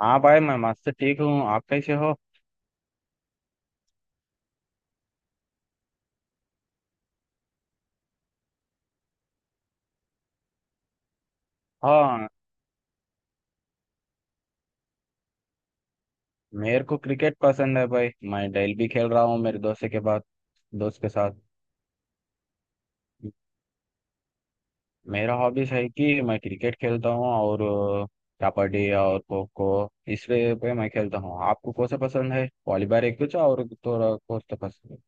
हाँ भाई, मैं मस्त ठीक हूँ। आप कैसे हो? हाँ, मेरे को क्रिकेट पसंद है भाई। मैं डेली भी खेल रहा हूँ मेरे दोस्त के साथ। मेरा हॉबीज है कि मैं क्रिकेट खेलता हूँ और अ, कबड्डी और खो खो इस वे पे मैं खेलता हूँ। आपको कौन सा पसंद है? वॉलीबॉल एक कुछ और थोड़ा, कौन सा पसंद है?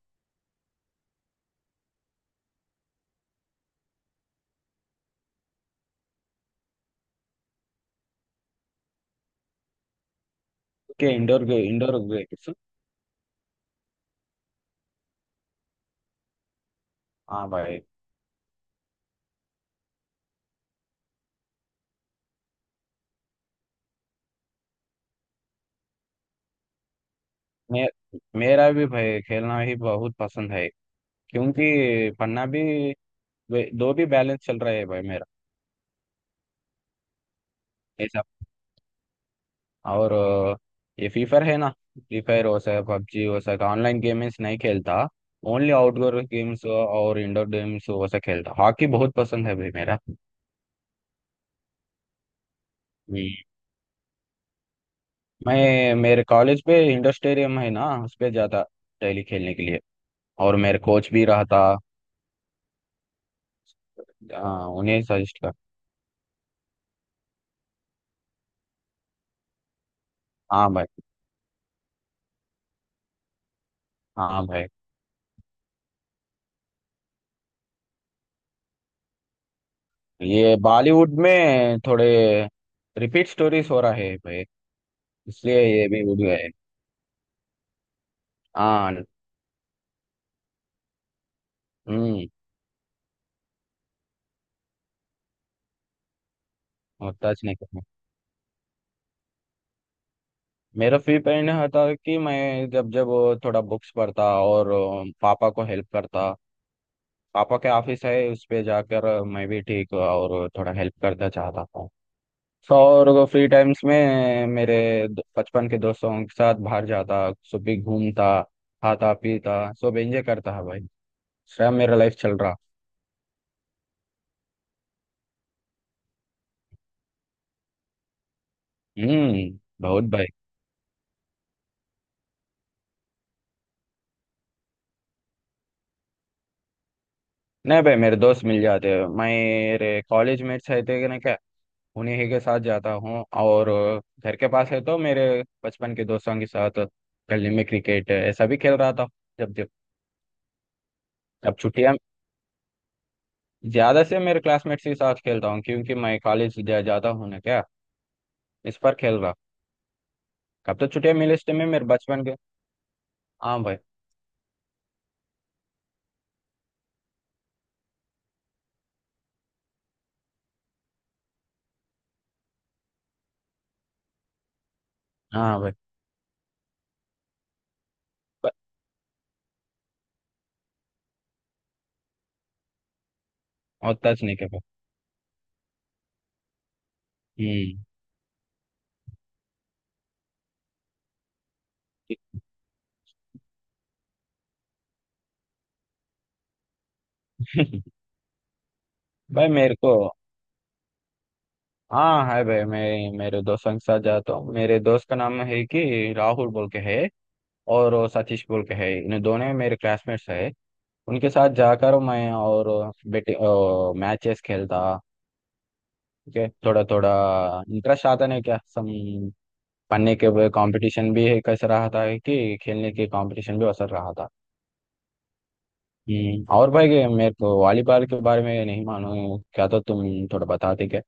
के इंडोर इंडोर गेम्स। हाँ भाई, मे, मेरा भी भाई खेलना ही बहुत पसंद है। क्योंकि पन्ना भी दो भी बैलेंस चल रहा है भाई। मेरा और ये फ्री फायर है ना। फ्री फायर हो सके, पबजी हो सके, ऑनलाइन गेम्स नहीं खेलता। ओनली आउटडोर गेम्स और इंडोर गेम्स वो सब खेलता। हॉकी बहुत पसंद है भाई मेरा। हम्म। मैं, मेरे कॉलेज पे इंडोर स्टेडियम है ना, उस पे जाता डेली खेलने के लिए। और मेरे कोच भी रहा था। हाँ, उन्हें सजेस्ट कर। हाँ भाई, हाँ भाई, ये बॉलीवुड में थोड़े रिपीट स्टोरीज हो रहा है भाई। इसलिए ये भी उड़ गए। हाँ। हम्म। मुमताज ने। मेरा फ्री पीरियड में होता कि मैं जब जब थोड़ा बुक्स पढ़ता और पापा को हेल्प करता। पापा के ऑफिस है, उस पे जाकर मैं भी ठीक और थोड़ा हेल्प करना चाहता था। सो, और फ्री टाइम्स में मेरे बचपन के दोस्तों के साथ बाहर जाता। सुबह भी घूमता, खाता, पीता, सब एंजॉय करता है भाई। सब मेरा लाइफ चल रहा। हम्म। बहुत भाई। नहीं भाई, मेरे दोस्त मिल जाते हैं, मेरे कॉलेज मेट्स रहते हैं ना क्या। उन्हीं ही के साथ जाता हूँ, और घर के पास है तो मेरे बचपन के दोस्तों के साथ गली में क्रिकेट ऐसा भी खेल रहा था जब जब। अब छुट्टियां, ज्यादा से मेरे क्लासमेट्स के साथ खेलता हूँ क्योंकि मैं कॉलेज जा जाता हूँ ना क्या। इस पर खेल रहा। कब तो छुट्टियां मिले इस time में मेरे बचपन के। हाँ भाई, हाँ भाई, ब- और टच नहीं कर पाया। हम्म। भाई मेरे को, हाँ है भाई, मैं मेरे दोस्तों के साथ जाता हूँ। मेरे दोस्त का नाम है कि राहुल बोल के है, और सतीश बोल के है। इन दोनों मेरे क्लासमेट्स है। उनके साथ जाकर मैं और बेटे मैचेस खेलता। ओके, थोड़ा थोड़ा इंटरेस्ट आता नहीं क्या सम। पढ़ने के कंपटीशन भी कैसा रहा था कि खेलने के कंपटीशन भी असर रहा था। हम्म। और भाई ये मेरे को वॉलीबॉल के बारे में नहीं मालूम क्या, तो तुम थोड़ा बताते क्या?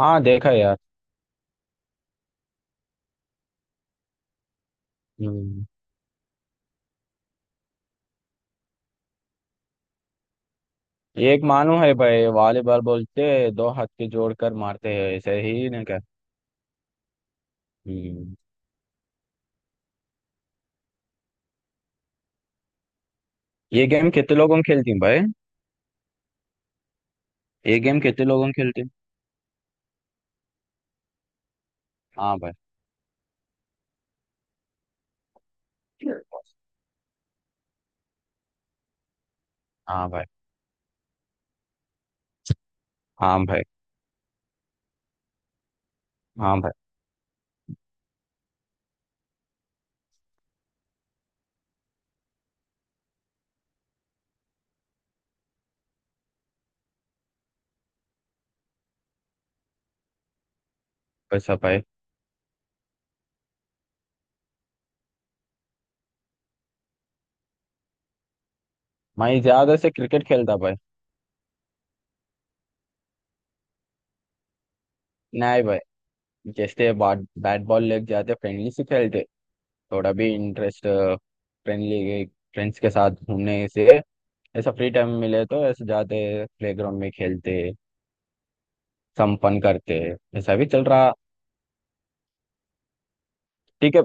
हाँ, देखा यार। हम्म। एक मालूम है भाई, वॉलीबॉल बोलते दो हाथ के जोड़कर मारते हैं ऐसे ही ना क्या। हम्म। ये गेम कितने लोगों खेलती हैं भाई? ये गेम कितने लोगों खेलती हैं? हाँ भाई। हाँ भाई। हाँ भाई। हाँ भाई। वैसा भाई। मैं ज्यादा से क्रिकेट खेलता भाई। नहीं भाई, जैसे बाट बैट बॉल लेके जाते फ्रेंडली से खेलते। थोड़ा भी इंटरेस्ट फ्रेंडली फ्रेंड्स के साथ घूमने से, ऐसा फ्री टाइम मिले तो ऐसे जाते, प्लेग्राउंड में खेलते, संपन्न करते, ऐसा भी चल रहा। ठीक है।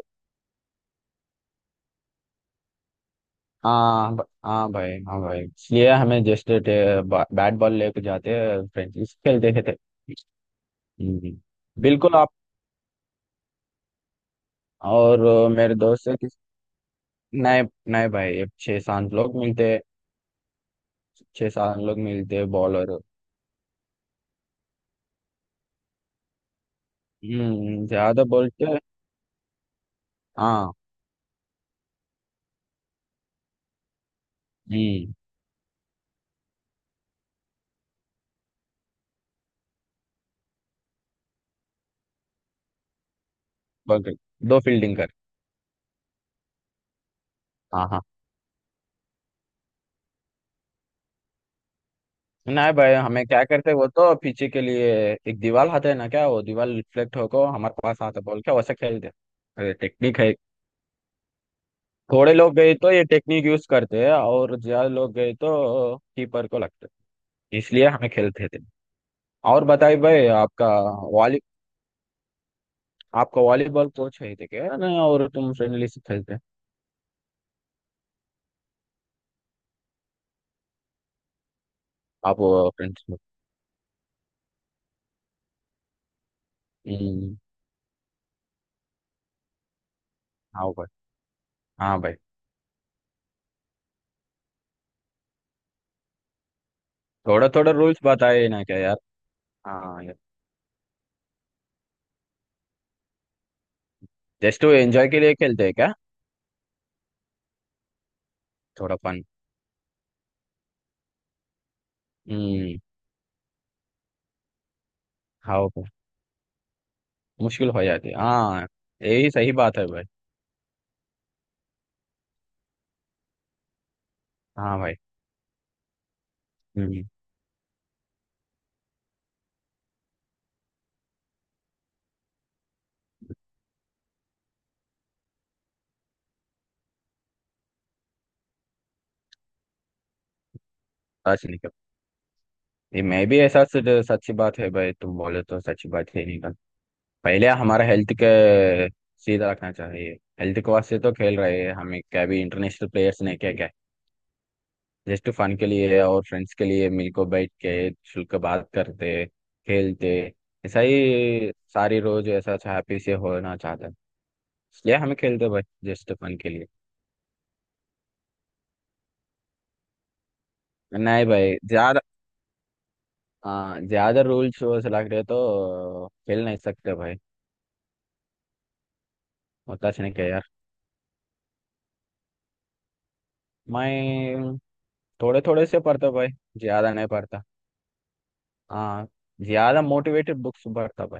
हाँ, हाँ भाई, हाँ भाई, इसलिए हमें जस्ट बैट बॉल लेके जाते फ्रेंडली से खेलते खेलते। हम्म। बिल्कुल आप और मेरे दोस्त से। नहीं, नहीं भाई, अब छह सात लोग मिलते हैं। छह सात लोग मिलते हैं बॉलर। हम्म। ज्यादा बोलते हैं। हाँ। हम्म। बग- दो फील्डिंग कर। हाँ, हाँ। नहीं भाई, हमें क्या करते, वो तो पीछे के लिए एक दीवार आते है ना क्या, वो दीवार रिफ्लेक्ट होकर हमारे पास आता बॉल क्या, वैसे खेलते। अरे टेक्निक है। थोड़े लोग गए तो ये टेक्निक यूज करते हैं, और ज्यादा लोग गए तो कीपर को लगते हैं। इसलिए हमें खेलते थे। और बताइए भाई, आपका वॉली वॉलीबॉल कोच है थे क्या नहीं, और तुम फ्रेंडली से खेलते। आप फ्रेंड्स में। हम्म। हाँ भाई, हाँ भाई, थोड़ा थोड़ा रूल्स बताए ना क्या यार। हाँ यार, जस्ट वो एंजॉय के लिए खेलते हैं क्या, थोड़ा फन। हम्म। हाँ भाई, मुश्किल हो जाती है। हाँ, यही सही बात है भाई। हाँ भाई। हम्म। सच निकल, ये मैं भी ऐसा सच्ची बात है भाई, तुम बोले तो सच्ची बात है निकल। पहले हमारा हेल्थ के सीधा रखना चाहिए। हेल्थ के वास्ते तो खेल रहे हैं, हमें क्या भी इंटरनेशनल प्लेयर्स ने क्या क्या। जस्ट फन के लिए और फ्रेंड्स के लिए मिलकर बैठ के शुल्क बात करते, खेलते, ऐसा ही सारी रोज ऐसा हैप्पी से होना चाहता है। इसलिए हमें खेलते भाई, जस्ट फन के लिए। नहीं भाई, ज्यादा। हाँ, ज्यादा रूल्स लग रहे तो खेल नहीं सकते भाई। होता अच्छा नहीं क्या यार? मैं थोड़े थोड़े से पढ़ता भाई, ज्यादा नहीं पढ़ता। हाँ, ज्यादा मोटिवेटेड बुक्स पढ़ता भाई।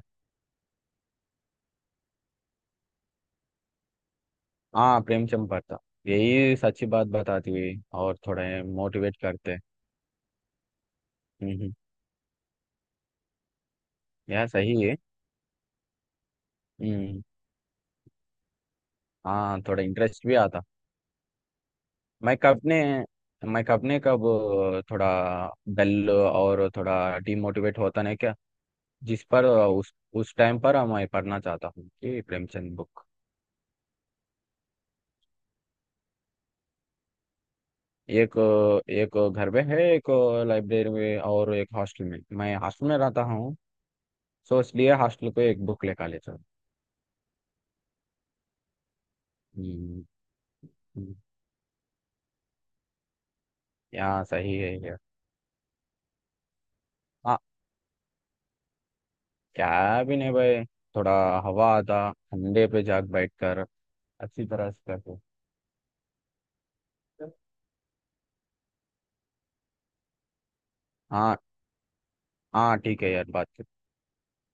हाँ, प्रेमचंद पढ़ता। यही सच्ची बात बताती हुई और थोड़े मोटिवेट करते हैं। यार सही है। हम्म। हाँ, थोड़ा इंटरेस्ट भी आता। मैं कब ने मैं कब ने कब, थोड़ा डल और थोड़ा डिमोटिवेट होता नहीं क्या। जिस पर उस टाइम पर मैं पढ़ना चाहता हूँ कि प्रेमचंद बुक। एक एक घर में है, एक लाइब्रेरी में और एक हॉस्टल में। मैं हॉस्टल में रहता हूँ। सो इसलिए हॉस्टल को एक बुक लेकर ले चलो। हम्म, हम्म, यहाँ सही है यार। हाँ, क्या भी नहीं भाई, थोड़ा हवा आता ठंडे पे जाग बैठकर। अच्छी तरह से कर दो। हाँ, हाँ, ठीक है यार। बात।